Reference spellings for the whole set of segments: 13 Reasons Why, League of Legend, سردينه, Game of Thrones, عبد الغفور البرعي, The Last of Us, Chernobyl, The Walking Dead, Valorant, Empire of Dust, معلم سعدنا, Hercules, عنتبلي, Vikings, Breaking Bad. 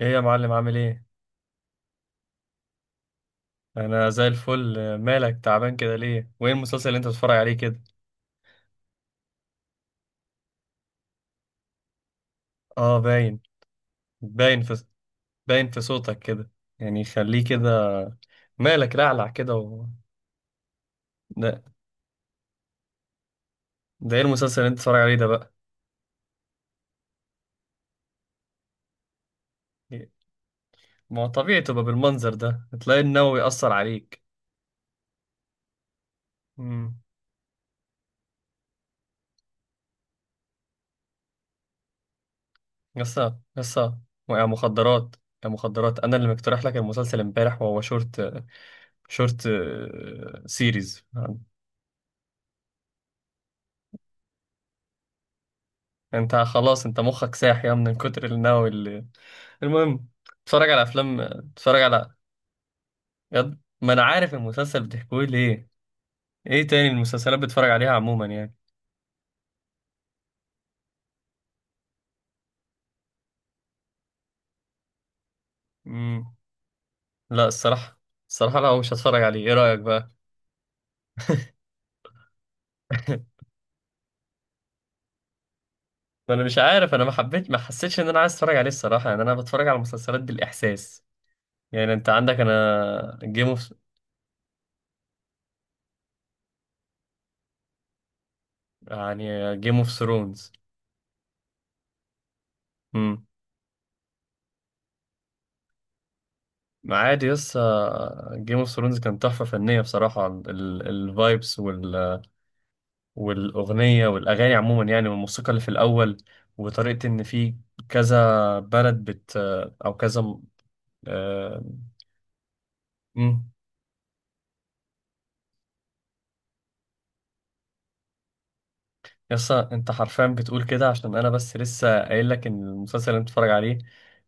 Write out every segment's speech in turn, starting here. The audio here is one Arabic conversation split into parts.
ايه يا معلم؟ عامل ايه؟ انا زي الفل. مالك تعبان كده ليه؟ وايه المسلسل اللي انت بتتفرج عليه كده؟ اه، باين في باين في صوتك كده، يعني خليه كده. مالك رعلع كده و... ده ده ايه المسلسل اللي انت بتتفرج عليه ده بقى؟ ما هو طبيعي تبقى بالمنظر ده تلاقي النووي يأثر عليك. امم. يسا يسا، ويا مخدرات، يا مخدرات، انا اللي مقترح لك المسلسل امبارح، وهو شورت سيريز. انت خلاص، انت مخك ساح يا من كتر النووي اللي... المهم. اتفرج على افلام، اتفرج على بجد ما انا عارف المسلسل بتحكوه ليه. ايه تاني المسلسلات بتتفرج عليها عموما يعني؟ امم. لا الصراحه لا، مش هتفرج عليه، ايه رايك بقى؟ ما انا مش عارف، انا ما حبيت، ما حسيتش ان انا عايز اتفرج عليه الصراحه يعني. انا بتفرج على مسلسلات بالاحساس. يعني انت عندك، انا جيم اوف... يعني جيم اوف ثرونز. امم. عادي، يس. جيم اوف ثرونز كان تحفه فنيه بصراحه، الفايبس والأغنية والأغاني عموما يعني، والموسيقى اللي في الأول، وطريقة إن في كذا بلد بت أو كذا م- آه، مم. يسا، أنت حرفيا بتقول كده عشان أنا بس لسه قايل لك إن المسلسل اللي أنت بتتفرج عليه،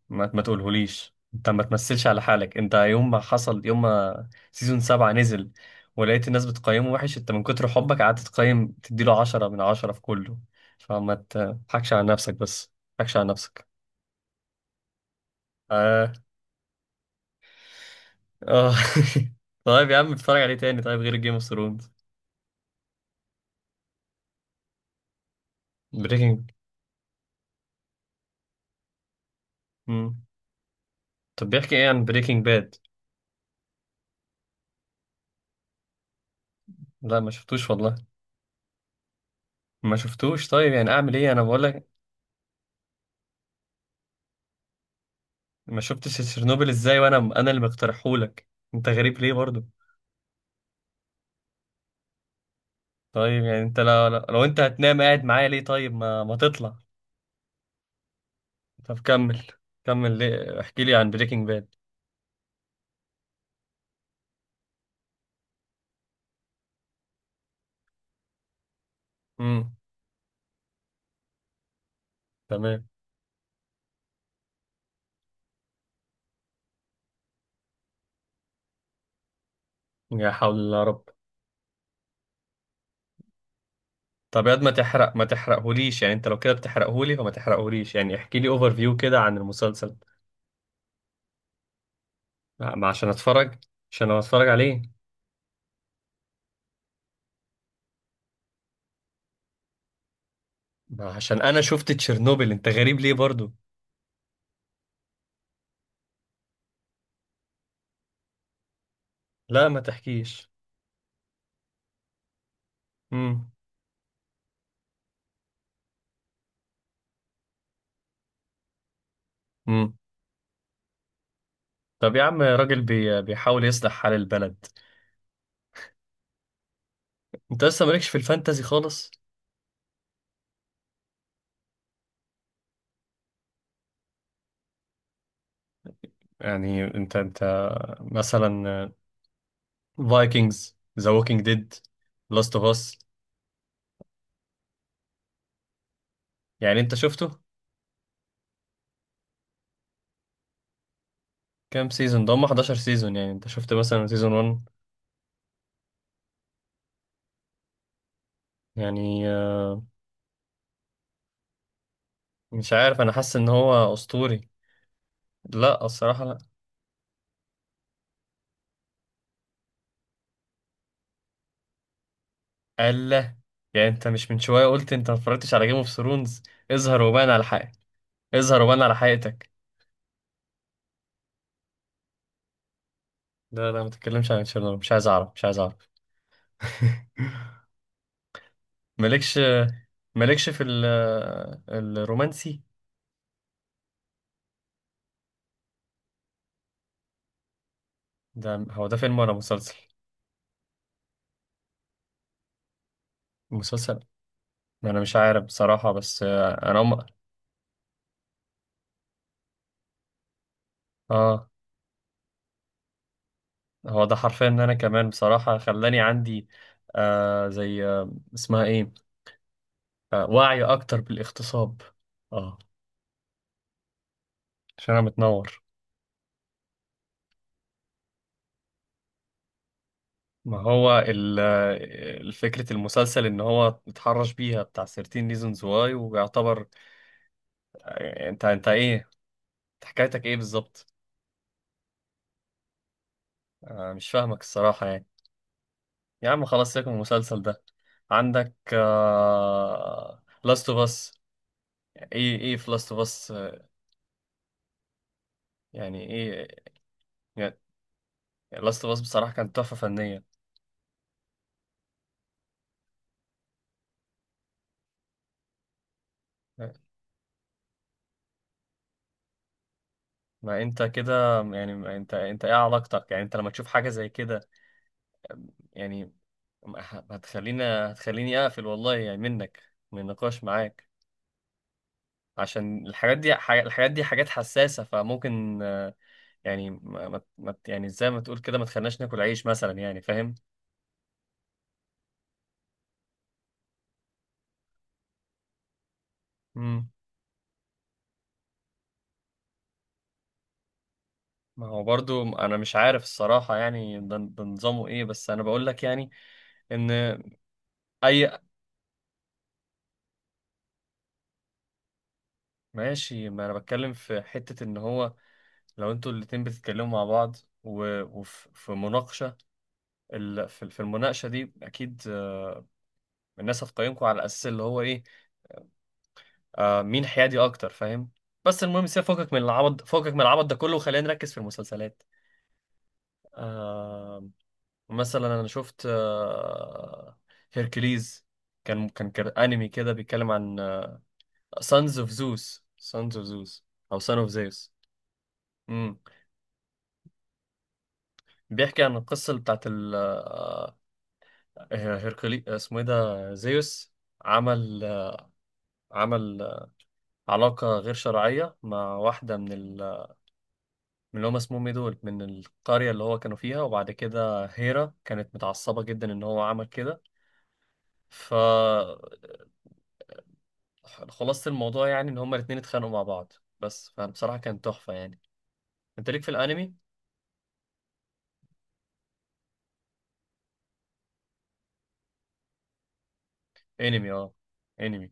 ما تقولهوليش. أنت ما تمثلش على حالك. أنت يوم ما حصل، يوم ما سيزون 7 نزل ولقيت الناس بتقيمه وحش، أنت من كتر حبك قعدت تقيم، تديله 10/10 في كله. فما تضحكش على نفسك، بس ما تضحكش على نفسك. آه، اه. طيب يا عم، اتفرج عليه تاني. طيب غير جيم اوف ثرونز. بريكنج. طب بيحكي ايه عن بريكنج باد؟ لا ما شفتوش والله، ما شفتوش. طيب يعني اعمل ايه، انا بقول لك. ما شفتش تشيرنوبل ازاي، وانا اللي مقترحهولك؟ انت غريب ليه برضو؟ طيب يعني انت، لو انت هتنام قاعد معايا ليه؟ طيب، ما تطلع. طب كمل. كمل، ليه؟ احكي لي عن بريكنج باد. امم. تمام. يا حول الله يا رب. طب يا واد، ما تحرقهوليش يعني. انت لو كده بتحرقهولي، فما تحرقهوليش يعني. احكي لي اوفر فيو كده عن المسلسل. لا، ما عشان اتفرج عشان أنا اتفرج عليه. ما عشان انا شفت تشيرنوبل، انت غريب ليه برضو؟ لا ما تحكيش. امم. امم. طب يا عم، بيحاول يصلح حال البلد. انت لسه مالكش في الفانتازي خالص. يعني انت مثلا، فايكنجز، ذا ووكينج ديد، لاست اوف اس. يعني انت شفته؟ كام سيزون ده، هم 11 سيزون. يعني انت شفت مثلا سيزون 1؟ يعني مش عارف، انا حاسس ان هو اسطوري. لا الصراحة، لا. يعني انت مش من شوية قلت انت ما اتفرجتش على جيم اوف ثرونز؟ اظهر وبان على حقك. اظهر وبان على حقيقتك. لا لا، ما تتكلمش عن تشيرنوبل، مش عايز اعرف، مش عايز اعرف. مالكش مالكش الرومانسي. هو ده فيلم ولا مسلسل؟ مسلسل. ما انا مش عارف بصراحة، بس انا اه. هو ده حرفيا ان انا كمان بصراحة خلاني عندي، زي اسمها ايه، وعي اكتر بالاغتصاب. اه، عشان انا متنور. ما هو الفكرة المسلسل ان هو اتحرش بيها بتاع 13 reasons why ويعتبر. انت ايه؟ انت حكايتك ايه بالظبط؟ انا مش فاهمك الصراحة يعني. يا عم خلاص، سيبك من المسلسل ده. عندك Last of Us. ايه في Last of Us؟ يعني ايه، يعني Last of Us بصراحة كانت تحفة فنية. ما انت كده يعني، ما انت ايه علاقتك يعني انت لما تشوف حاجة زي كده؟ يعني هتخليني اقفل والله، يعني منك، من النقاش معاك. عشان الحاجات دي، الحاجات دي حاجات حساسة، فممكن يعني يعني زي ما تقول كده ما تخليناش ناكل عيش مثلا، يعني فاهم؟ مم. ما هو برضو انا مش عارف الصراحة يعني، ده نظامه ايه؟ بس انا بقول لك يعني، ان... اي، ماشي. ما انا بتكلم في حتة، ان هو لو انتوا الاتنين بتتكلموا مع بعض، وفي مناقشة، في المناقشة دي اكيد الناس هتقيمكم على اساس اللي هو ايه، مين حيادي اكتر، فاهم؟ بس المهم، سيبك فوقك من العبط، فوقك من العبط ده كله، وخلينا نركز في المسلسلات. آه مثلا، انا شفت هيركليز. كان انمي كده، بيتكلم عن سانز اوف زوس، او سان اوف زيوس. امم. بيحكي عن القصه اللي بتاعت ال آه، هيركلي، اسمه ايه ده، زيوس، عمل آه، عمل علاقه غير شرعيه مع واحده من اللي هم اسمهم ايه دول، من القرية اللي هو كانوا فيها. وبعد كده هيرا كانت متعصبة جدا ان هو عمل كده، فخلاصة الموضوع يعني ان هما الاتنين اتخانقوا مع بعض. بس فبصراحة كانت تحفة يعني. انت ليك في الانمي؟ انمي، اه، انمي.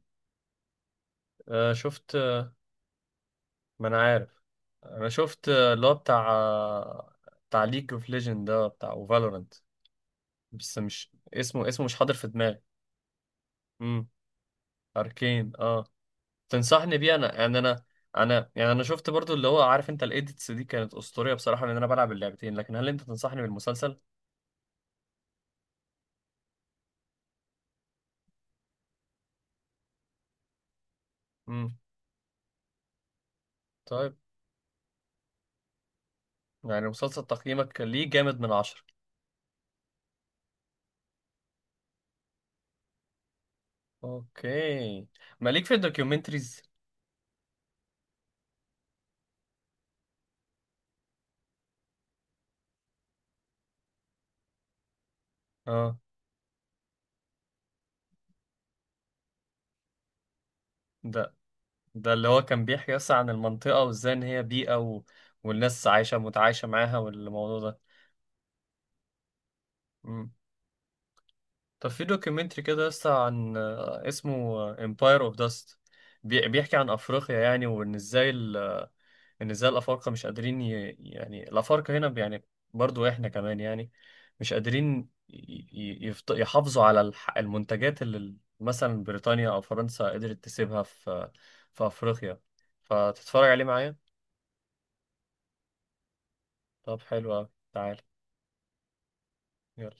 آه، شفت. ما انا عارف. انا شفت اللي هو بتاع، بتاع ليج اوف ليجند ده بتاع، وفالورنت. بس مش اسمه مش حاضر في دماغي. امم. اركين، اه. تنصحني بيه انا، يعني انا يعني انا شفت برضو، اللي هو، عارف انت الايديتس دي كانت اسطوريه بصراحه لان انا بلعب اللعبتين. لكن هل انت تنصحني بالمسلسل؟ امم. طيب، يعني مسلسل تقييمك ليه جامد من 10؟ اوكي. ماليك في الدوكيومنتريز. اه. ده ده اللي هو كان بيحكي اصلا عن المنطقه، وازاي ان هي بيئه و... والناس متعايشه معاها، والموضوع ده. امم. طب في دوكيومنتري كده لسه، عن اسمه Empire of Dust. بيحكي عن افريقيا، يعني، ان ازاي الافارقه مش قادرين يعني الافارقه هنا يعني، برضو احنا كمان يعني، مش قادرين ي... يحافظوا على المنتجات اللي مثلا بريطانيا او فرنسا قدرت تسيبها في افريقيا. فتتفرج عليه معايا؟ طب حلو أوي. تعال. يلا.